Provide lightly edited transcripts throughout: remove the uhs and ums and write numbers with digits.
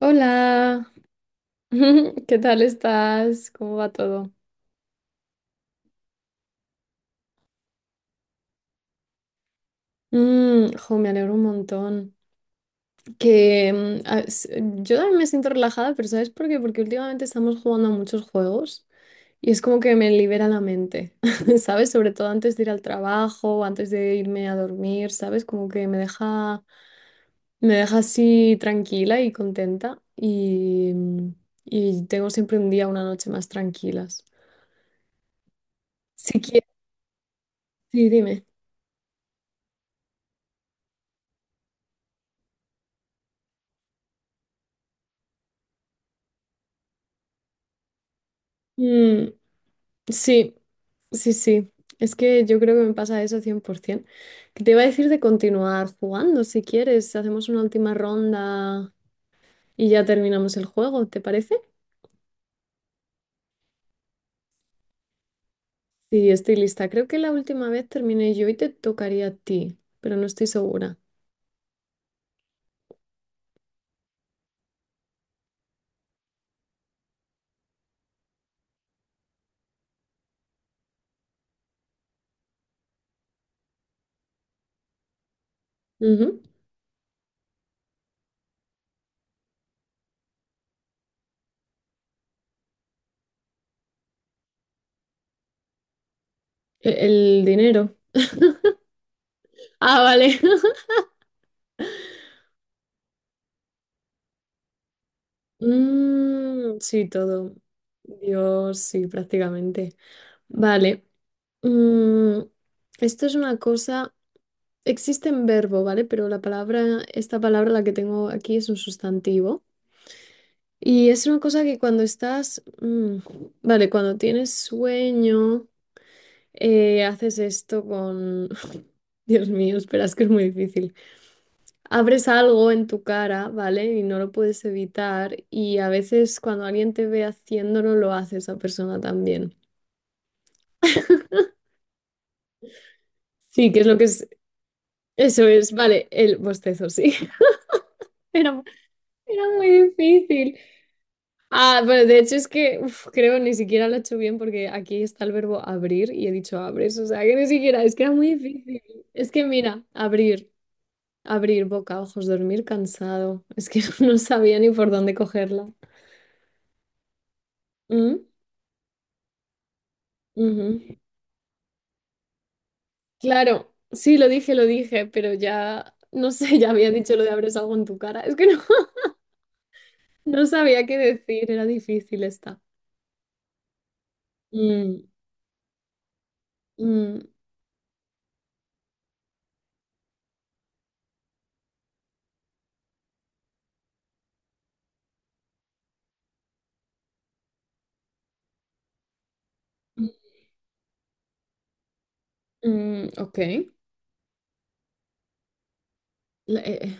Hola, ¿qué tal estás? ¿Cómo va todo? Jo, me alegro un montón. Que mm, a- s- Yo también me siento relajada, pero ¿sabes por qué? Porque últimamente estamos jugando a muchos juegos y es como que me libera la mente, ¿sabes? Sobre todo antes de ir al trabajo, o antes de irme a dormir, ¿sabes? Como que me deja así tranquila y contenta, y tengo siempre un día, una noche más tranquilas. Si quieres, sí, dime. Mm, sí. Sí, sí, es que yo creo que me pasa eso 100%. Que Te iba a decir de continuar jugando, si quieres, hacemos una última ronda y ya terminamos el juego, ¿te parece? Sí, estoy lista. Creo que la última vez terminé yo y te tocaría a ti, pero no estoy segura. Ujú. El dinero. Ah, vale. Sí, todo. Dios, sí, prácticamente. Vale. Mm, esto es una cosa. Existe en verbo, ¿vale? Pero esta palabra la que tengo aquí es un sustantivo. Y es una cosa que cuando vale, cuando tienes sueño, haces esto con... Dios mío, espera, es que es muy difícil. Abres algo en tu cara, ¿vale? Y no lo puedes evitar. Y a veces cuando alguien te ve haciéndolo, lo hace esa persona también. Sí, que es lo que es... Eso es, vale, el bostezo, sí. Era, era muy difícil. Ah, bueno, de hecho es que uf, creo ni siquiera lo he hecho bien porque aquí está el verbo abrir y he dicho abres, o sea que ni siquiera, es que era muy difícil. Es que mira, abrir boca, ojos, dormir cansado, es que no sabía ni por dónde cogerla. Mm, ujú. Claro, sí, lo dije, pero ya, no sé, ya había dicho lo de abres algo en tu cara, es que no, no sabía qué decir, era difícil esta. Mm, mm, mm, ok. La- eh,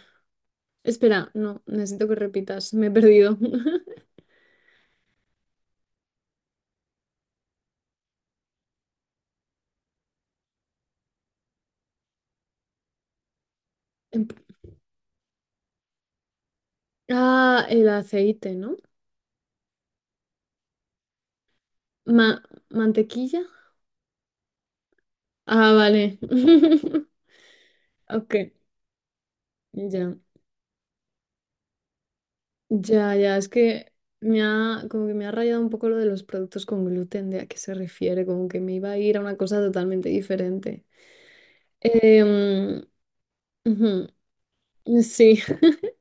Espera, no, necesito que repitas, me he perdido. Em- Ah, el aceite, ¿no? Ma- ¿Mantequilla? Ah, vale. Ok, ya. Ya, ya, es que me ha, como que me ha rayado un poco lo de los productos con gluten, de a qué se refiere, como que me iba a ir a una cosa totalmente diferente. Em, ujú, Sí.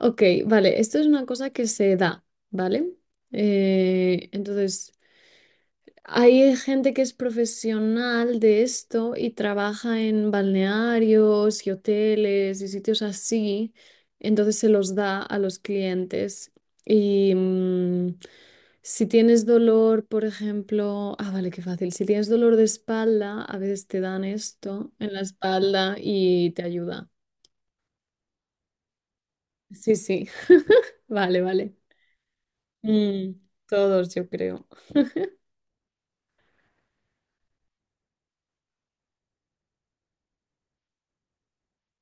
Ok, vale, esto es una cosa que se da, ¿vale? Eh, entonces, Hay gente que es profesional de esto y trabaja en balnearios y hoteles y sitios así, entonces se los da a los clientes. Y mm, si tienes dolor, por ejemplo, ah, vale, qué fácil. Si tienes dolor de espalda, a veces te dan esto en la espalda y te ayuda. Sí, sí. Vale, vale. Mm, todos, yo creo.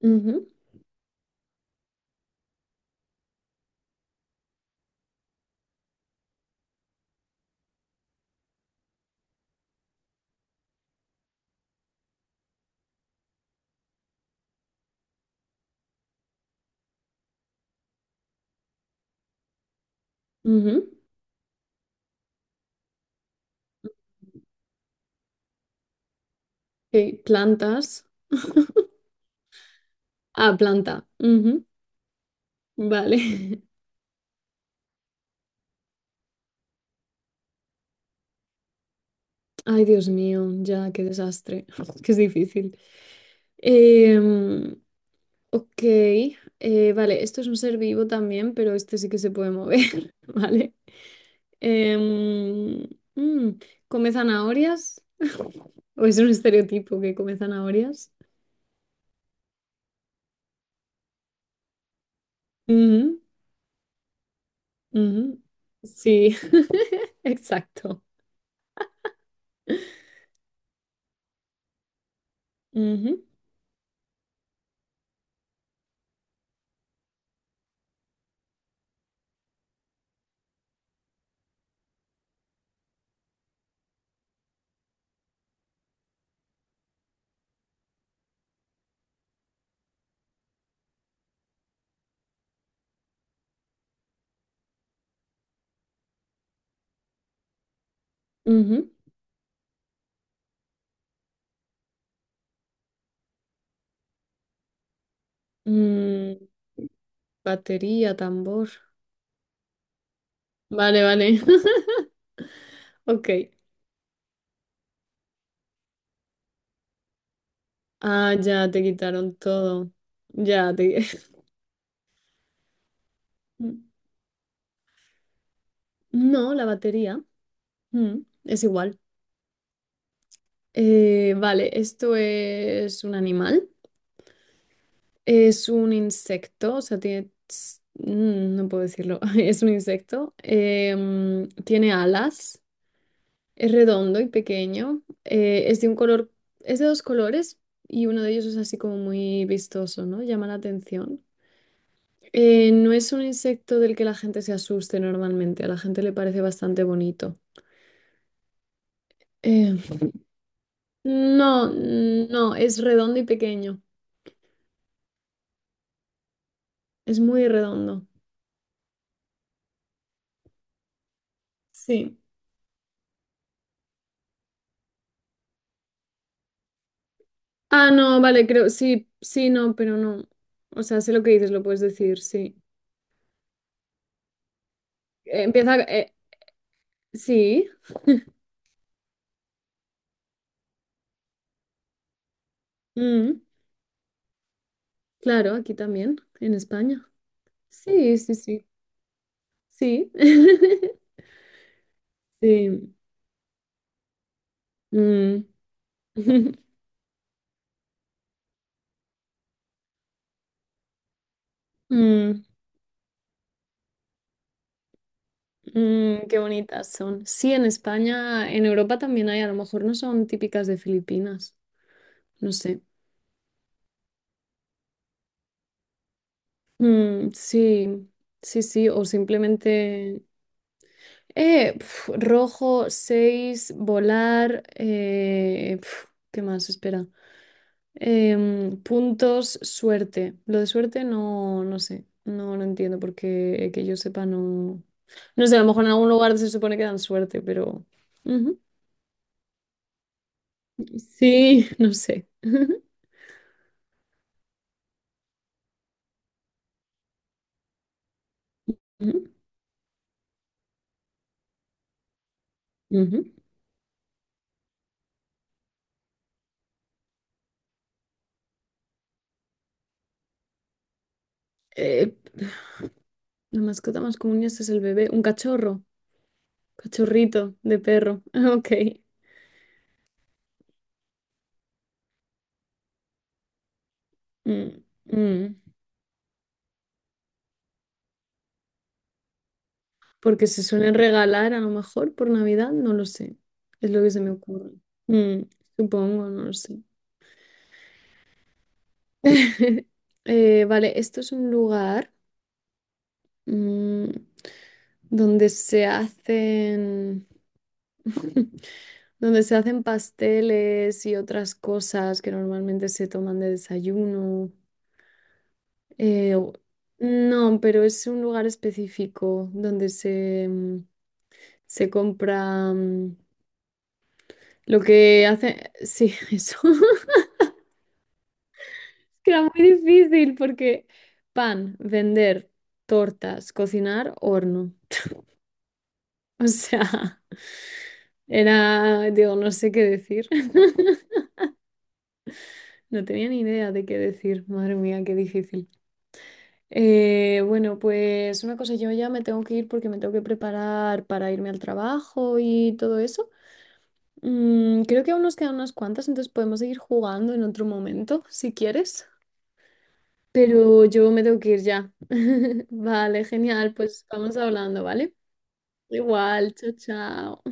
Ujú, ujú. Ok, plantas. Ah, planta. Vale. Ay, Dios mío, ya, qué desastre. Que es difícil. Em, ok, vale, esto es un ser vivo también, pero este sí que se puede mover, ¿vale? Em, mm, ¿Come zanahorias? ¿O es un estereotipo que come zanahorias? Ujú, ujú. Sí, exacto. Ujú, ujú. Mm, batería, tambor. Vale, vale. Ok. Ah, ya te quitaron todo. Ya te... Mm, no, la batería. Mm, es igual. Vale, esto es un animal. Es un insecto, o sea, tiene... no puedo decirlo. Es un insecto. Tiene alas. Es redondo y pequeño. Es de un color... Es de dos colores y uno de ellos es así como muy vistoso, ¿no? Llama la atención. No es un insecto del que la gente se asuste normalmente, a la gente le parece bastante bonito. Eh, no, es redondo y pequeño, es muy redondo. Sí. Ah, no, vale, creo, sí, sí, no, pero no. O sea, sé lo que dices, lo puedes decir, sí. Eh, empieza, eh, sí, mm, claro, aquí también, en España. Sí, sí, sí, sí. Sí. mm, mm, Mm, qué bonitas son. Sí, en España, en Europa también hay, a lo mejor no son típicas de Filipinas, no sé. Sí, sí, sí, o simplemente... rojo, seis, volar, ¿qué más? Espera. Puntos, suerte. Lo de suerte no, no sé, no, no entiendo porque que yo sepa no... No sé, a lo mejor en algún lugar se supone que dan suerte, pero... Ujú, sí, no sé. Ujú. Ujú. Eh, la mascota más común es el bebé, un cachorro, cachorrito de perro. Ok. Mm, mm. Porque se suelen regalar a lo mejor por Navidad, no lo sé. Es lo que se me ocurre. Mm, supongo, no lo sé. Vale, esto es un lugar mm, donde se hacen donde se hacen pasteles y otras cosas que normalmente se toman de desayuno. Eh, u- no, pero es un lugar específico donde se compra lo que hace. Sí, eso. Que era muy difícil porque pan, vender, tortas, cocinar, horno. O sea, digo, no sé qué decir. No tenía ni idea de qué decir. Madre mía, qué difícil. Bueno, pues una cosa, yo ya me tengo que ir porque me tengo que preparar para irme al trabajo y todo eso. Creo que aún nos quedan unas cuantas, entonces podemos seguir jugando en otro momento, si quieres. Pero yo me tengo que ir ya. Vale, genial, pues vamos hablando, ¿vale? Igual, chao, chao.